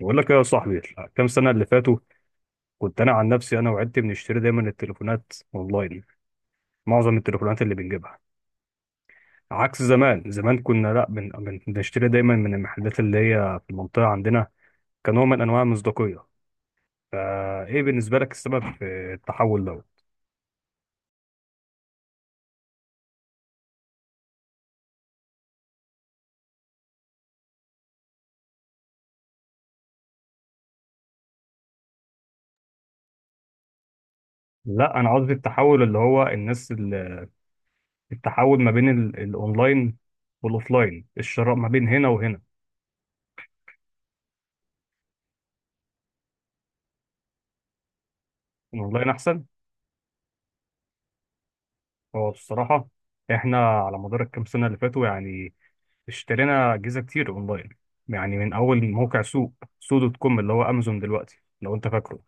بقول لك إيه يا صاحبي؟ كام سنة اللي فاتوا، كنت أنا عن نفسي أنا وعدت بنشتري دايما التليفونات أونلاين. معظم التليفونات اللي بنجيبها عكس زمان. زمان كنا لأ بنشتري دايما من المحلات اللي هي في المنطقة عندنا، كنوع من أنواع المصداقية. فإيه بالنسبة لك السبب في التحول ده؟ لا، أنا قصدي التحول اللي هو الناس التحول ما بين الأونلاين والأوفلاين، الشراء ما بين هنا وهنا. الأونلاين أحسن. هو الصراحة إحنا على مدار الكام سنة اللي فاتوا، يعني اشترينا اجهزه كتير اونلاين، يعني من اول موقع سوق، سو دوت كوم اللي هو امازون دلوقتي لو انت فاكره.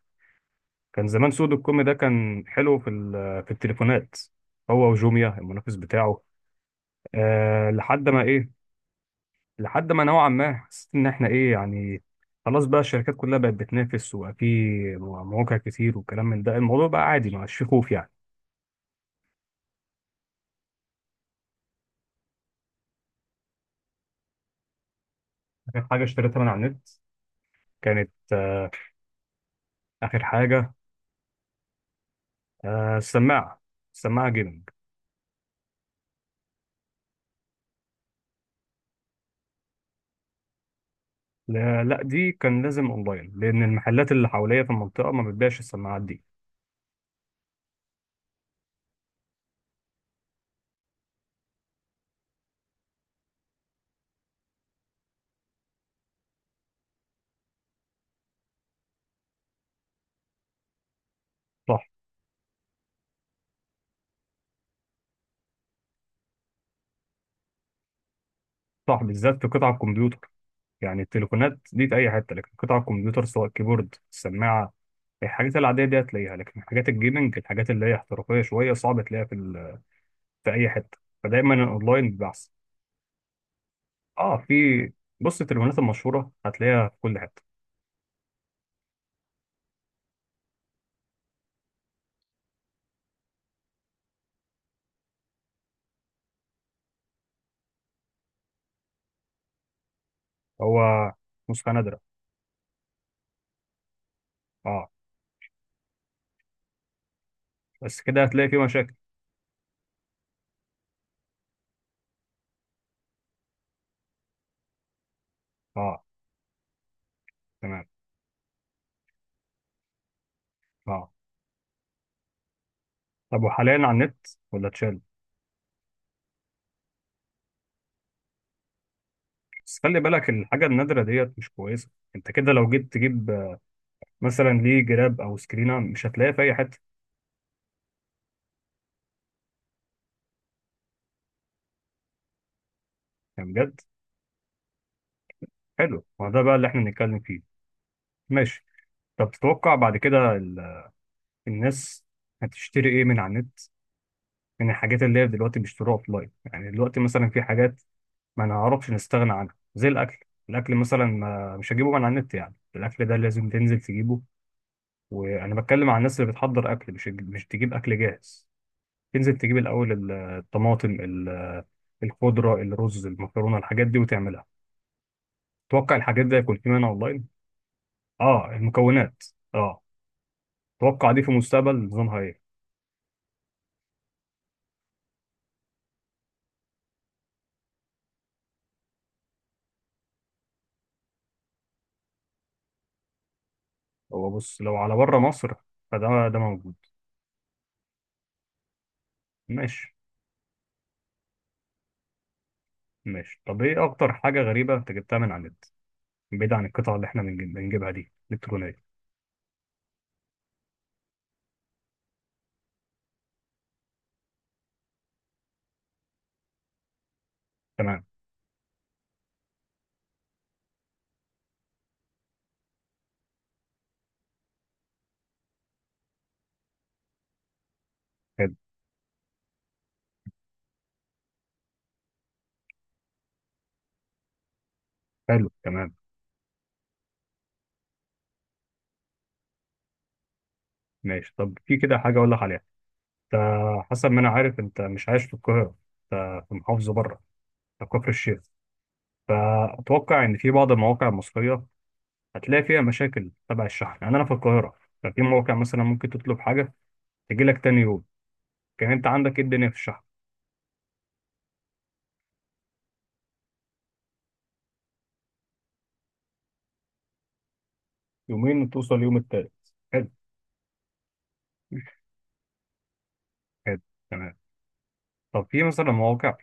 كان زمان سو دوت كوم ده كان حلو في التليفونات، هو وجوميا المنافس بتاعه. لحد ما ايه، لحد ما نوعا ما حسيت ان احنا ايه، يعني خلاص بقى الشركات كلها بقت بتنافس وبقى في مواقع كتير وكلام من ده. الموضوع بقى عادي، ما عادش فيه خوف يعني. اخر حاجه اشتريتها من على النت كانت اخر حاجه السماعه، السماعه جيمنج. لا لا، دي كان لازم اونلاين لان المحلات اللي حواليا في المنطقه ما بتبيعش السماعات دي. صح. صح، بالذات في قطع الكمبيوتر. يعني التليفونات دي في اي حته، لكن قطع الكمبيوتر سواء الكيبورد، السماعه، الحاجات العاديه دي هتلاقيها، لكن حاجات الجيمنج، الحاجات اللي هي احترافيه شويه، صعب تلاقيها في اي حته، فدايما الاونلاين بيبقى احسن. اه، في. بص، التليفونات المشهوره هتلاقيها في كل حته. هو نسخه نادره. اه. بس كده هتلاقي فيه مشاكل. اه، تمام. اه، طب وحاليا على النت ولا اتشال؟ بس خلي بالك، الحاجة النادرة ديت مش كويسة. انت كده لو جيت تجيب مثلا ليه جراب او سكرينة، مش هتلاقيها في اي حتة. يعني بجد حلو، ما ده بقى اللي احنا بنتكلم فيه. ماشي. طب تتوقع بعد كده الناس هتشتري ايه من على النت، من الحاجات اللي هي دلوقتي بيشتروها اوفلاين؟ يعني دلوقتي مثلا في حاجات ما نعرفش نستغنى عنها زي الاكل. الاكل مثلا، ما مش هجيبه من على النت، يعني الاكل ده لازم تنزل تجيبه، وانا بتكلم عن الناس اللي بتحضر اكل، مش تجيب اكل جاهز، تنزل تجيب الاول الطماطم، الخضرة، الرز، المكرونة، الحاجات دي وتعملها. توقع الحاجات دي هيكون في منها اونلاين؟ اه، المكونات. اه. توقع دي في المستقبل نظامها ايه؟ هو بص، لو على بره مصر فده موجود. ماشي. ماشي. طب ايه اكتر حاجة غريبة انت جبتها من على النت، بعيد عن القطع اللي احنا بنجيبها دي الكترونية؟ تمام. حلو. حلو، تمام. ماشي. طب في كده حاجة اقول لك عليها. انت، حسب ما انا عارف، انت مش عايش في القاهرة، انت في محافظة بره، في كفر الشيخ، فأتوقع إن في بعض المواقع المصرية هتلاقي فيها مشاكل تبع الشحن. يعني انا في القاهره ففي موقع مثلا ممكن تطلب حاجه تجي لك تاني يوم، كان انت عندك ايه الدنيا في الشحن؟ يومين وتوصل اليوم التالت. حلو. حلو، تمام. طب في مثلا مواقع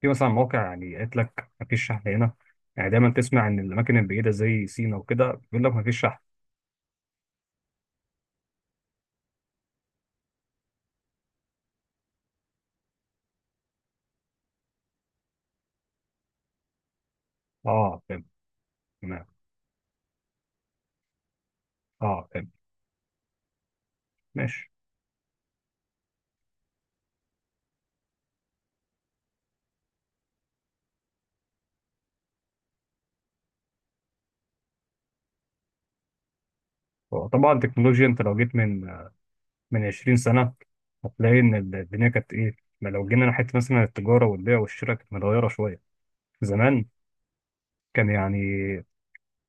في مثلا مواقع يعني قالت لك مفيش شحن هنا؟ يعني دايما تسمع ان الاماكن البعيده زي سينا وكده بيقول لك مفيش شحن. اه، فهمت. تمام. اه، فهمت. ماشي. هو طبعا التكنولوجيا، انت لو جيت من 20 سنه هتلاقي ان الدنيا كانت ايه. ما لو جينا ناحيه مثلا التجاره والبيع والشراء، كانت متغيره شويه. زمان كان يعني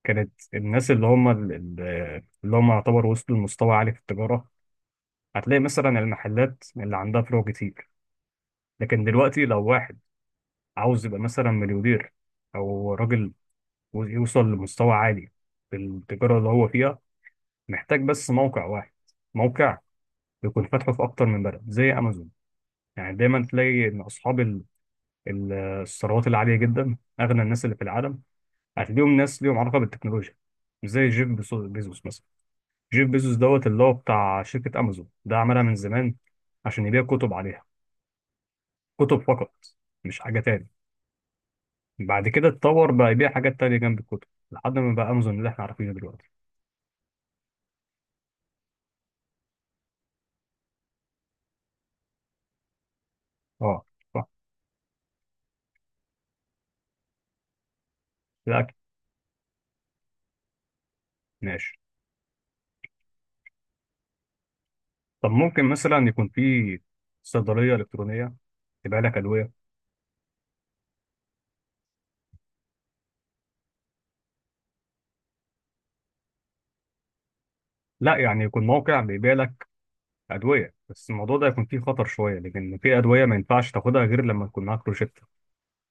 كانت الناس اللي هم اللي هم يعتبروا وصلوا لمستوى عالي في التجارة، هتلاقي مثلا المحلات اللي عندها فروع كتير. لكن دلوقتي لو واحد عاوز يبقى مثلا مليونير، أو راجل يوصل لمستوى عالي في التجارة اللي هو فيها، محتاج بس موقع واحد، موقع يكون فاتحه في أكتر من بلد زي أمازون. يعني دايما تلاقي إن أصحاب الثروات العالية جدا، أغنى الناس اللي في العالم، هتلاقيهم ناس ليهم علاقة بالتكنولوجيا، زي بيزوس مثلا. جيف بيزوس دوت اللي هو بتاع شركة أمازون، ده عملها من زمان عشان يبيع كتب عليها، كتب فقط، مش حاجة تاني. بعد كده اتطور بقى يبيع حاجات تانية جنب الكتب لحد ما بقى أمازون اللي احنا عارفينه دلوقتي. اه، صح. الأكل. ماشي. طب ممكن مثلا يكون في صيدلية إلكترونية تبيع لك أدوية؟ لا، يعني يكون موقع بيبيع لك أدوية، بس الموضوع ده يكون فيه خطر شوية، لأن في أدوية ما ينفعش تاخدها غير لما يكون معاك روشتة.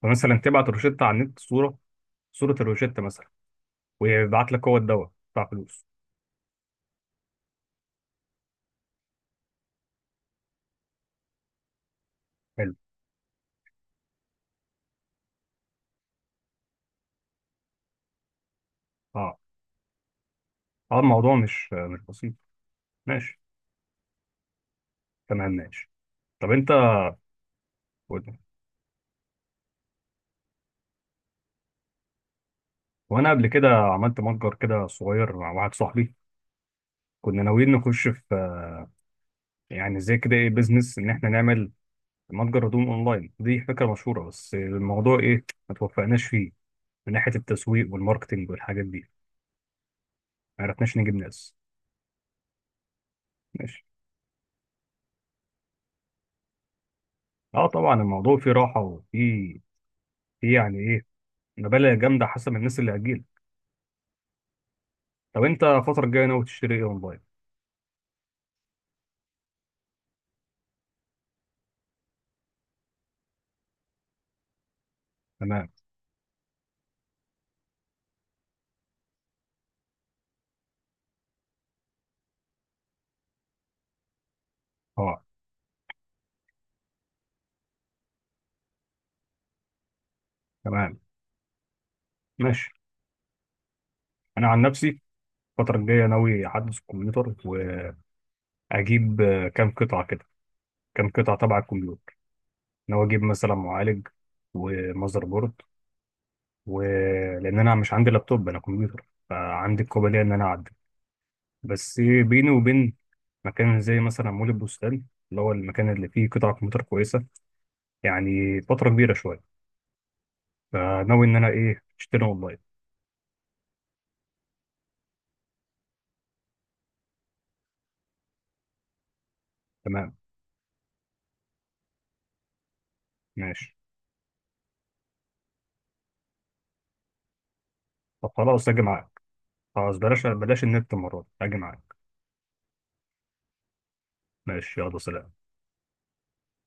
فمثلا تبعت روشتة على النت، صورة، صورة الروشتة مثلا، ويبعت لك هو الدواء بتاع فلوس. حلو. اه. اه، الموضوع مش بسيط. ماشي. تمام. ماشي. طب انت قول- وانا قبل كده عملت متجر كده صغير مع واحد صاحبي، كنا ناويين نخش في، يعني زي كده، ايه، بيزنس، ان احنا نعمل متجر هدوم اونلاين. دي فكره مشهوره، بس الموضوع ايه، ما توفقناش فيه من ناحيه التسويق والماركتينج والحاجات دي، ما عرفناش نجيب ناس. ماشي. اه، طبعا الموضوع فيه راحه وفيه يعني ايه، مبالغ جامده حسب الناس اللي هتجيلك. طب انت الفتره الجايه ناوي تشتري ايه اونلاين؟ تمام. اه، تمام. ماشي. انا عن نفسي الفتره الجايه ناوي احدث الكمبيوتر واجيب كام قطعه كده، كام قطعه تبع الكمبيوتر، ناوي اجيب مثلا معالج ومذر بورد، ولان انا مش عندي لابتوب، انا كمبيوتر، فعندي القابليه ان انا اعدل. بس بيني وبين مكان زي مثلا مول البستان اللي هو المكان اللي فيه قطع كمبيوتر كويسه، يعني فتره كبيره شويه، فناوي ان انا ايه، اشتري اونلاين. تمام. ماشي. طب خلاص اجي معاك، خلاص بلاش بلاش النت المره دي، اجي معاك. ماشي، يلا سلام.